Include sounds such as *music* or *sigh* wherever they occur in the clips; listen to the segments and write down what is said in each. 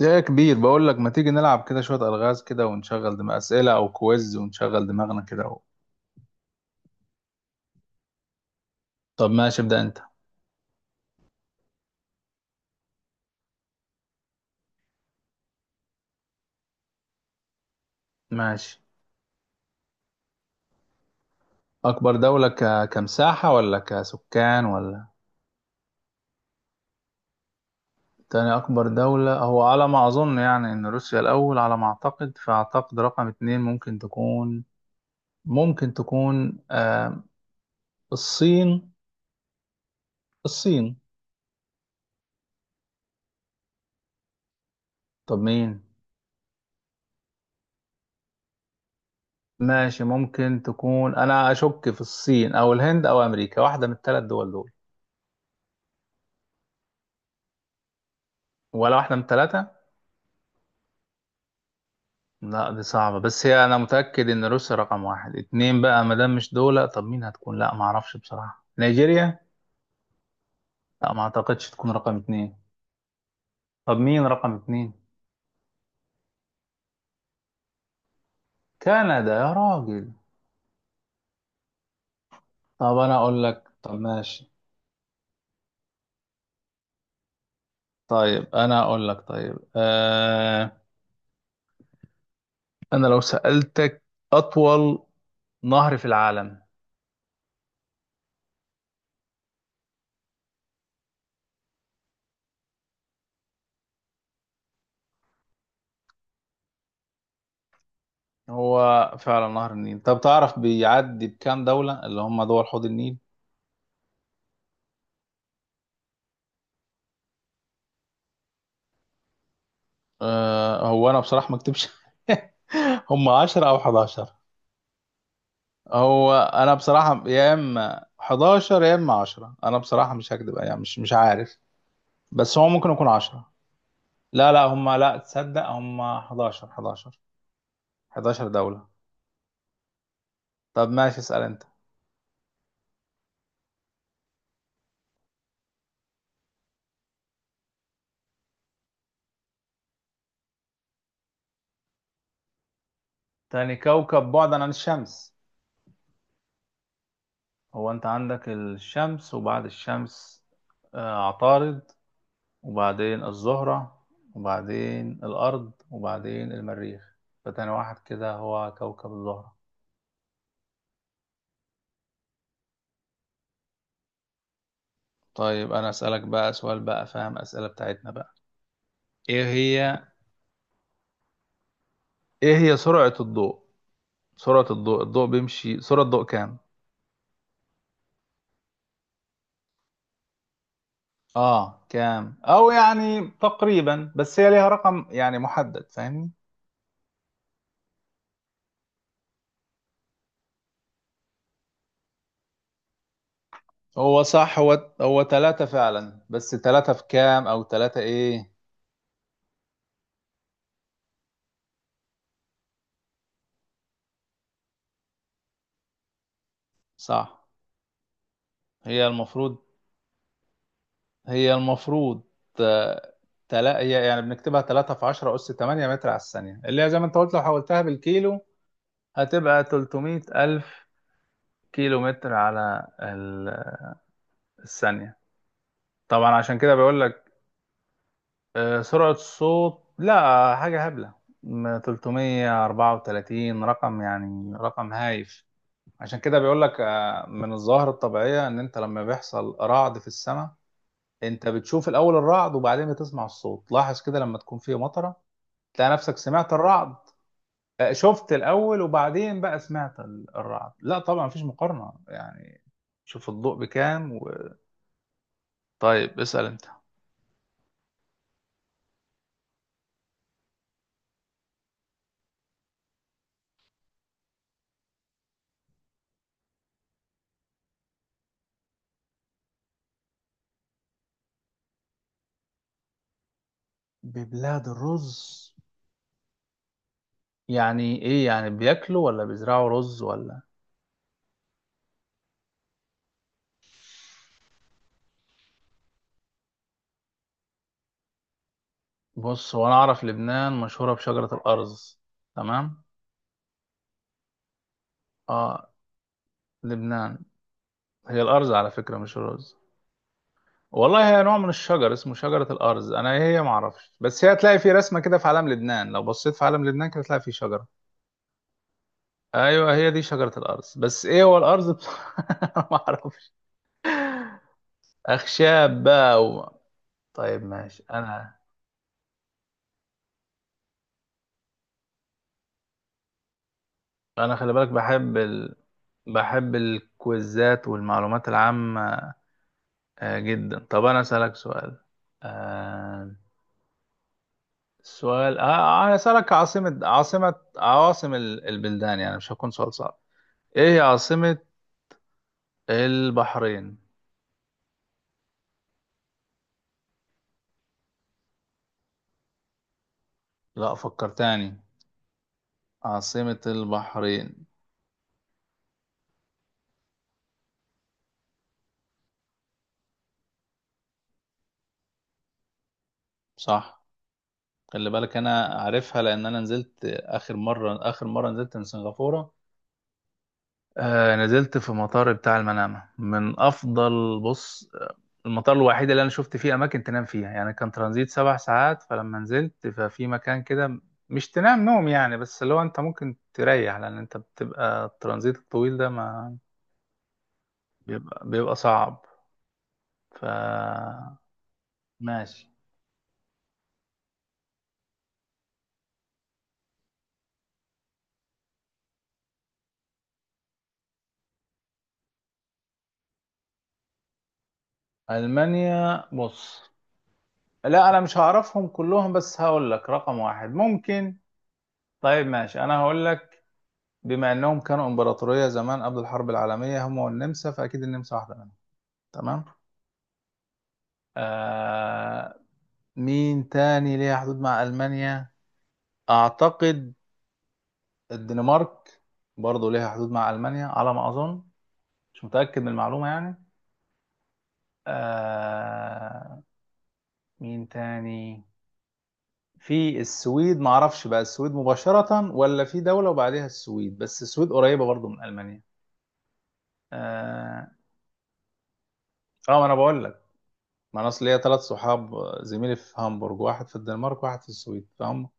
يا كبير، بقول لك ما تيجي نلعب كده شوية ألغاز كده ونشغل دماغ، أسئلة أو كويز ونشغل دماغنا كده. طب ماشي، ابدأ أنت. ماشي. أكبر دولة كمساحة ولا كسكان، ولا؟ تاني أكبر دولة، هو على ما أظن يعني إن روسيا الأول على ما أعتقد، فأعتقد رقم اتنين ممكن تكون، ممكن تكون آه... الصين. الصين. طب مين؟ ماشي، ممكن تكون. أنا أشك في الصين أو الهند أو أمريكا، واحدة من الثلاث دول. ولا واحدة من الثلاثة؟ لا دي صعبة، بس هي أنا متأكد إن روسيا رقم واحد. اتنين بقى ما دام مش دول، طب مين هتكون؟ لا ما أعرفش بصراحة. نيجيريا؟ لا ما أعتقدش تكون رقم اتنين. طب مين رقم اتنين؟ كندا يا راجل! طب أنا أقول لك. طب ماشي. طيب أنا أقول لك، طيب. أنا لو سألتك أطول نهر في العالم؟ هو فعلا نهر النيل. طب تعرف بيعدي بكام دولة، اللي هم دول حوض النيل؟ هو أنا بصراحة ما أكتبش. *laughs* هم 10 أو 11. هو انا بصراحه يا اما 11 يا اما 10. انا بصراحه مش هكدب يعني، مش عارف. بس هو ممكن يكون 10. لا لا، هم لا تصدق، هم 11 11 11 دوله. طب ماشي، اسال انت. تاني كوكب بعدا عن الشمس؟ هو انت عندك الشمس، وبعد الشمس عطارد، وبعدين الزهره، وبعدين الارض، وبعدين المريخ. فتاني واحد كده هو كوكب الزهره. طيب انا اسالك بقى سؤال، بقى فاهم اسئله بتاعتنا بقى. ايه هي ايه هي سرعة الضوء؟ سرعة الضوء بيمشي، سرعة الضوء كام؟ اه كام، او يعني تقريبا، بس هي ليها رقم يعني محدد، فاهمني؟ هو صح، هو ثلاثة فعلا، بس ثلاثة في كام او ثلاثة ايه؟ صح. هي المفروض هي المفروض آه، تلا هي يعني بنكتبها 3 في 10 أس 8 متر على الثانية، اللي هي زي ما أنت قلت لو حولتها بالكيلو. هتبقى 300 ألف كيلو متر على الثانية. طبعا عشان كده بقول لك. سرعة الصوت لا حاجة هبلة، 334 رقم، يعني رقم هايف. عشان كده بيقول لك من الظاهرة الطبيعية ان انت لما بيحصل رعد في السماء، انت بتشوف الاول الرعد وبعدين بتسمع الصوت. لاحظ كده لما تكون في مطرة، تلاقي نفسك سمعت الرعد. شفت الاول وبعدين بقى سمعت الرعد. لا طبعا مفيش مقارنة يعني. شوف الضوء بكام طيب اسأل انت. ببلاد الرز؟ يعني ايه؟ يعني بياكلوا ولا بيزرعوا رز، ولا؟ بص هو انا اعرف لبنان مشهورة بشجرة الارز، تمام. اه، لبنان. هي الارز على فكرة مش الرز. والله هي نوع من الشجر اسمه شجرة الارز. انا إيه هي ما اعرفش، بس هي هتلاقي في رسمة كده في علم لبنان. لو بصيت في علم لبنان كده هتلاقي في شجرة. ايوه هي دي شجرة الارز، بس ايه هو الارز بصراحة؟ *laughs* ما اعرفش، اخشاب بقى. طيب ماشي. انا خلي بالك، بحب الكويزات والمعلومات العامة. آه جدا. طب انا اسالك سؤال. آه السؤال، انا اسالك عاصمة، عواصم البلدان، يعني مش هكون سؤال صعب. ايه هي عاصمة البحرين؟ لا، فكر تاني. عاصمة البحرين؟ صح. خلي بالك انا عارفها، لان انا نزلت اخر مرة نزلت من سنغافورة. نزلت في مطار بتاع المنامة، من أفضل، بص المطار الوحيد اللي أنا شفت فيه أماكن تنام فيها. يعني كان ترانزيت 7 ساعات، فلما نزلت ففي مكان كده، مش تنام نوم يعني، بس اللي هو أنت ممكن تريح، لأن أنت بتبقى الترانزيت الطويل ده ما بيبقى صعب. ف ماشي. ألمانيا، بص لا أنا مش هعرفهم كلهم، بس هقول لك رقم واحد ممكن. طيب ماشي أنا هقول لك. بما انهم كانوا امبراطوريه زمان قبل الحرب العالميه هم والنمسا، فاكيد النمسا واحده منهم. تمام. آه مين تاني ليها حدود مع المانيا؟ اعتقد الدنمارك برضه ليها حدود مع المانيا، على ما اظن. مش متاكد من المعلومه يعني. آه مين تاني؟ في السويد، ما اعرفش بقى السويد مباشره ولا في دوله وبعدها السويد، بس السويد قريبه برضه من المانيا. اه. ما انا بقول لك. ما انا اصل ليا ثلاث صحاب، زميلي في هامبورج، واحد في الدنمارك، واحد في السويد، فهم.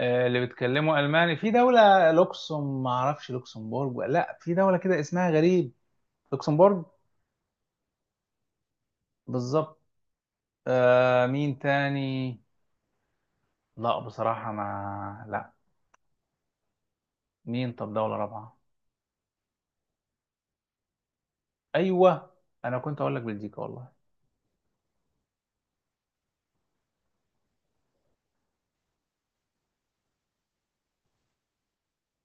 اللي بيتكلموا الماني، في دوله، ما اعرفش لوكسمبورج لا، في دوله كده اسمها غريب. لوكسمبورج، بالظبط. مين تاني؟ لا بصراحه، ما لا. مين؟ طب دوله رابعه؟ ايوه، انا كنت اقول لك بلجيكا والله.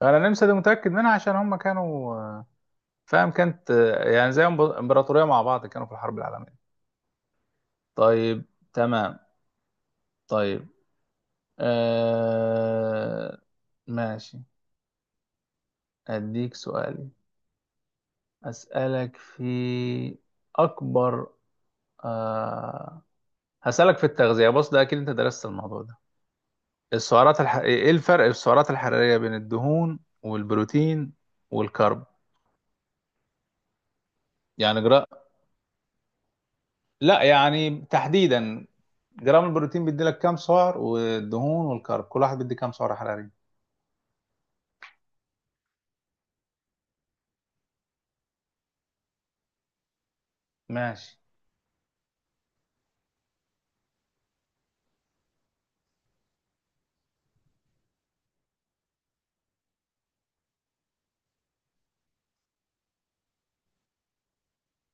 انا النمسا دي متاكد منها عشان هم كانوا فاهم، كانت يعني زي امبراطوريه مع بعض، كانوا في الحرب العالميه. طيب تمام. طيب. آه... ماشي، أديك سؤالي. أسألك في أكبر، آه... هسألك في التغذية، بص ده أكيد أنت درست الموضوع ده. إيه الفرق في السعرات الحرارية بين الدهون والبروتين والكرب؟ يعني جرا... لا يعني تحديدا. جرام البروتين بيدي لك كام سعر، والدهون والكرب كل واحد بيدي كام سعر حراري؟ ماشي.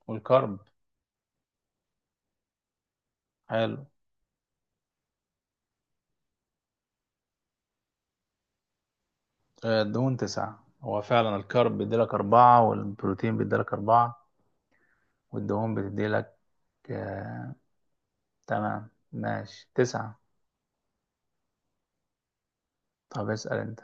والكرب؟ حلو. الدهون تسعة. هو فعلا الكارب بيديلك أربعة والبروتين بيديلك أربعة والدهون بتديلك آه... تمام ماشي، تسعة. طب اسأل أنت.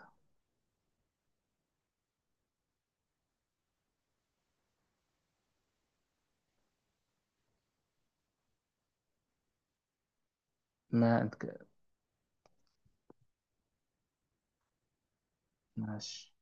ما أنت ماشي.